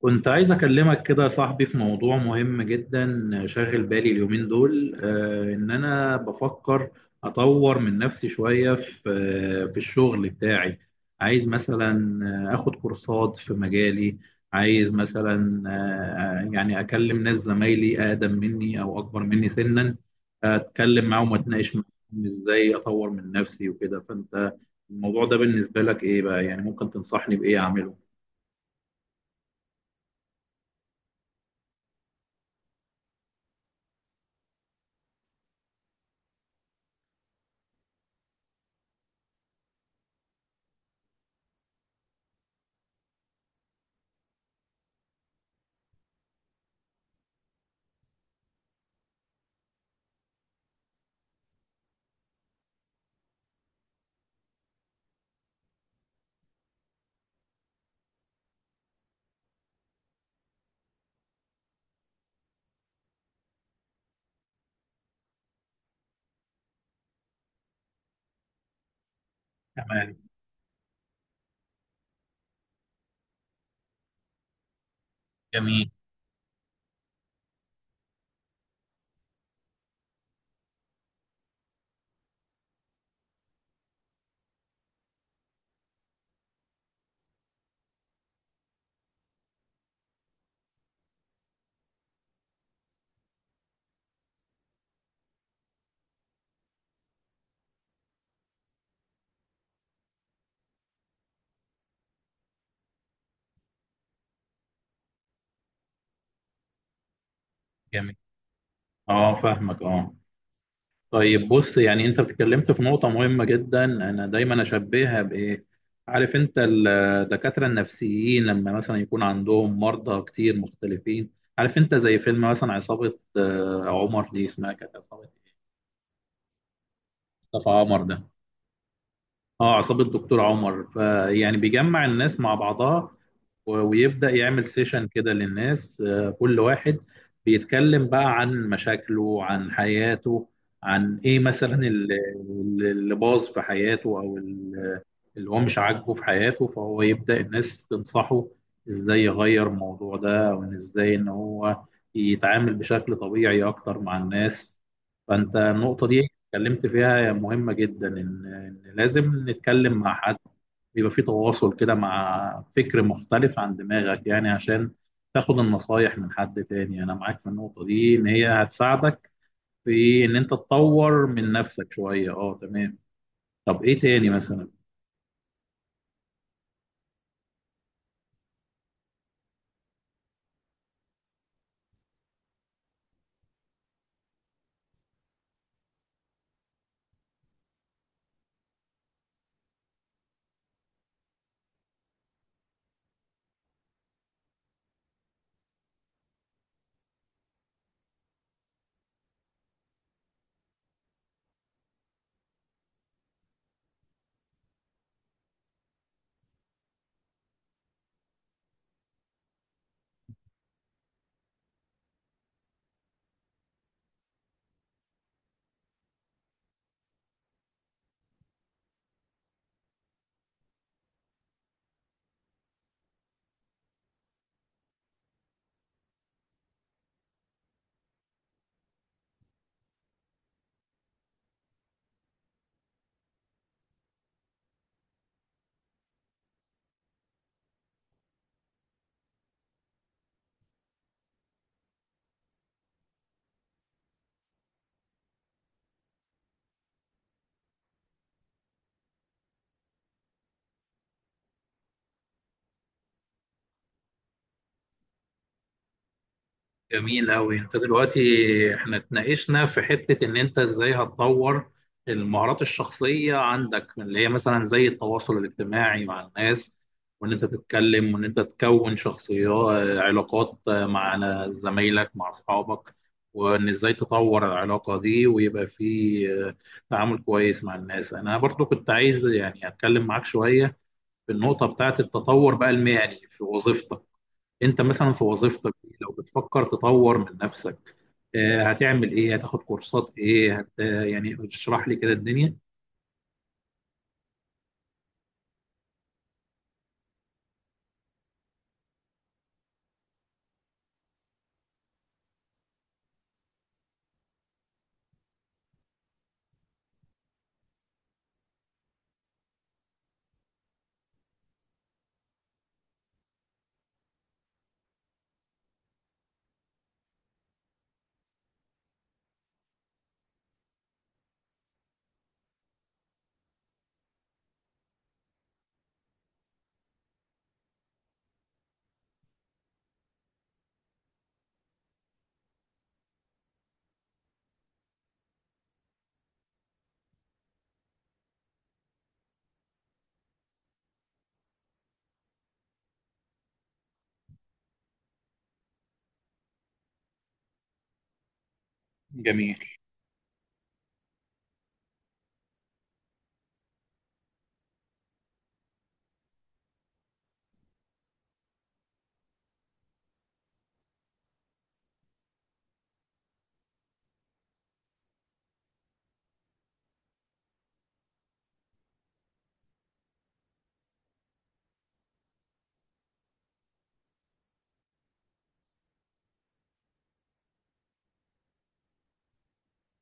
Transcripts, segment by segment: كنت عايز أكلمك كده يا صاحبي في موضوع مهم جدا شاغل بالي اليومين دول، إن أنا بفكر أطور من نفسي شوية في الشغل بتاعي. عايز مثلا آخد كورسات في مجالي. عايز مثلا، يعني أكلم ناس زمايلي أقدم مني أو أكبر مني سنا. أتكلم معاهم وأتناقش معاهم إزاي أطور من نفسي وكده. فأنت الموضوع ده بالنسبة لك إيه بقى؟ يعني ممكن تنصحني بإيه أعمله؟ تمام. جميل. جميل، اه، فاهمك، اه. طيب، بص يعني انت اتكلمت في نقطة مهمة جدا. انا دايما اشبهها بايه، عارف انت؟ الدكاترة النفسيين لما مثلا يكون عندهم مرضى كتير مختلفين، عارف انت، زي فيلم مثلا عصابة عمر دي اسمها كانت عصابة مصطفى عمر ده. اه، عصابة دكتور عمر. فيعني بيجمع الناس مع بعضها ويبدأ يعمل سيشن كده للناس، كل واحد بيتكلم بقى عن مشاكله، عن حياته، عن ايه مثلا اللي باظ في حياته، او اللي هو مش عاجبه في حياته. فهو يبدأ الناس تنصحه ازاي يغير الموضوع ده، او إن ازاي ان هو يتعامل بشكل طبيعي اكتر مع الناس. فانت النقطة دي اتكلمت فيها مهمة جدا، ان إن لازم نتكلم مع حد بيبقى في تواصل كده مع فكر مختلف عن دماغك يعني عشان تاخد النصايح من حد تاني. انا معاك في النقطة دي ان هي هتساعدك في ان انت تطور من نفسك شوية. اه، تمام. طب ايه تاني مثلا؟ جميل أوي. أنت دلوقتي إحنا اتناقشنا في حتة إن أنت إزاي هتطور المهارات الشخصية عندك، اللي هي مثلا زي التواصل الاجتماعي مع الناس، وإن أنت تتكلم، وإن أنت تكون شخصيات علاقات مع زمايلك، مع أصحابك. وإن إزاي تطور العلاقة دي، ويبقى في تعامل كويس مع الناس. أنا برضو كنت عايز يعني أتكلم معاك شوية في النقطة بتاعة التطور بقى المهني في وظيفتك. انت مثلا في وظيفتك دي لو بتفكر تطور من نفسك، هتعمل ايه؟ هتاخد كورسات ايه؟ يعني اشرح لي كده الدنيا. جميل.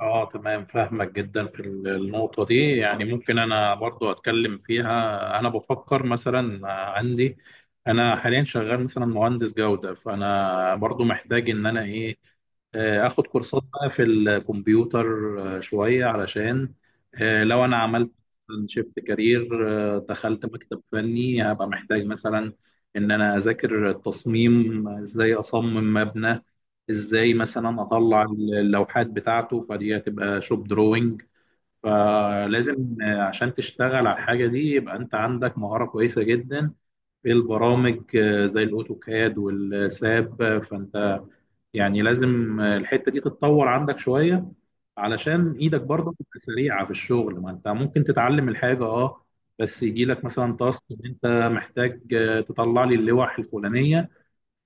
اه، تمام، فاهمك جدا في النقطة دي. يعني ممكن انا برضو اتكلم فيها. انا بفكر مثلا، عندي انا حاليا شغال مثلا مهندس جودة، فانا برضو محتاج ان انا ايه، اخد كورسات بقى في الكمبيوتر، شوية علشان لو انا عملت شيفت كارير، دخلت مكتب فني، هبقى محتاج مثلا ان انا اذاكر التصميم، ازاي اصمم مبنى، ازاي مثلا اطلع اللوحات بتاعته. فدي هتبقى شوب دروينج. فلازم، عشان تشتغل على الحاجه دي، يبقى انت عندك مهاره كويسه جدا في البرامج، زي الاوتوكاد والساب. فانت يعني لازم، الحته دي تتطور عندك شويه علشان ايدك برضه تبقى سريعه في الشغل. ما انت ممكن تتعلم الحاجه، اه، بس يجي لك مثلا تاسك ان انت محتاج، تطلع لي اللوح الفلانيه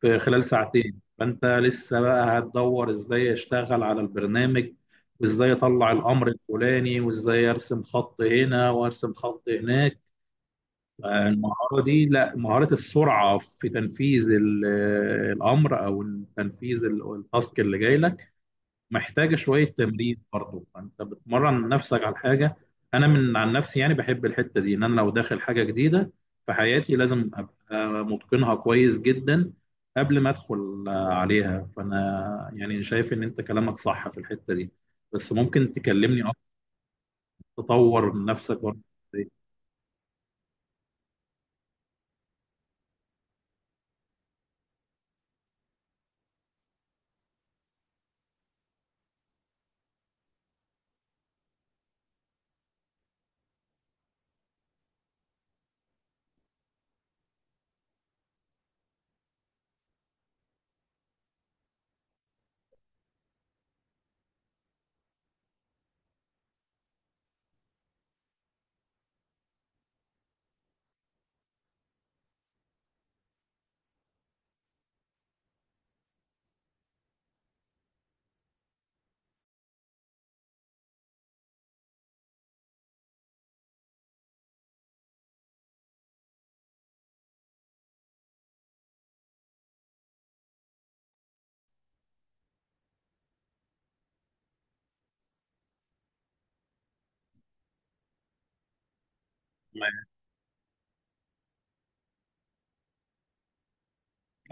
في خلال ساعتين. فانت لسه بقى هتدور ازاي اشتغل على البرنامج، وازاي اطلع الامر الفلاني، وازاي ارسم خط هنا وارسم خط هناك. المهارة دي، لا، مهارة السرعة في تنفيذ الامر او تنفيذ التاسك اللي جاي لك محتاجة شوية تمرين برضه. فأنت بتمرن نفسك على حاجة. أنا من عن نفسي يعني بحب الحتة دي، إن أنا لو داخل حاجة جديدة في حياتي لازم أبقى متقنها كويس جدا قبل ما أدخل عليها فأنا يعني شايف إن أنت كلامك صح في الحتة دي. بس ممكن تكلمني أكتر تطور من نفسك برضه؟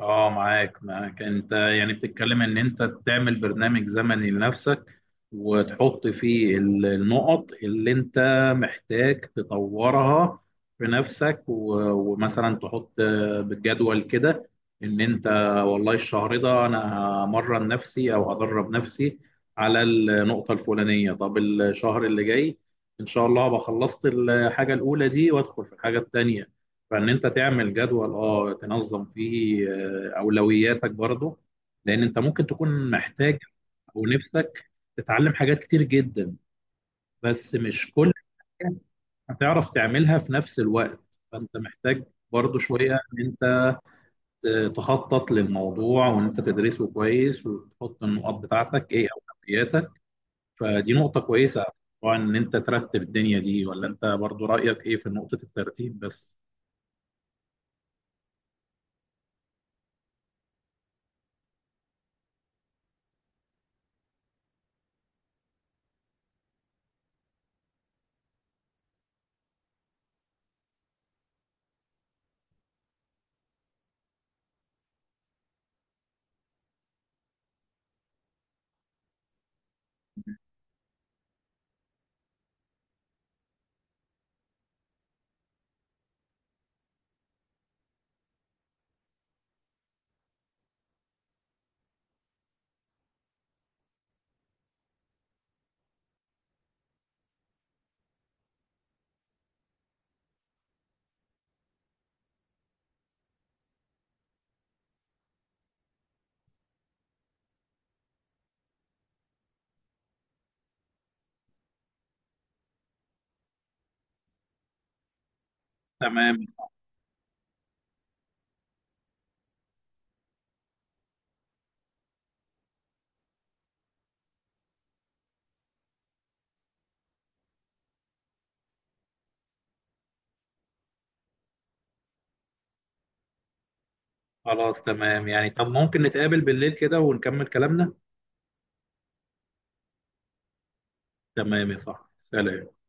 اه، معاك انت. يعني بتتكلم ان انت تعمل برنامج زمني لنفسك، وتحط فيه النقط اللي انت محتاج تطورها في نفسك، ومثلا تحط بالجدول كده ان انت، والله، الشهر ده انا همرن نفسي او هدرب نفسي على النقطة الفلانية. طب الشهر اللي جاي ان شاء الله هبقى خلصت الحاجة الاولى دي وادخل في الحاجة التانية. فان انت تعمل جدول، اه، تنظم فيه اولوياتك برضه، لان انت ممكن تكون محتاج او نفسك تتعلم حاجات كتير جدا بس مش كل حاجة هتعرف تعملها في نفس الوقت. فانت محتاج برضه شويه ان انت تخطط للموضوع، وان انت تدرسه كويس، وتحط النقاط بتاعتك ايه اولوياتك. فدي نقطه كويسه طبعا، ان انت ترتب الدنيا دي. ولا انت برضه رايك ايه في نقطه الترتيب بس؟ تمام. خلاص، تمام يعني. طب ممكن نتقابل بالليل كده ونكمل كلامنا؟ تمام يا صاحبي، سلام.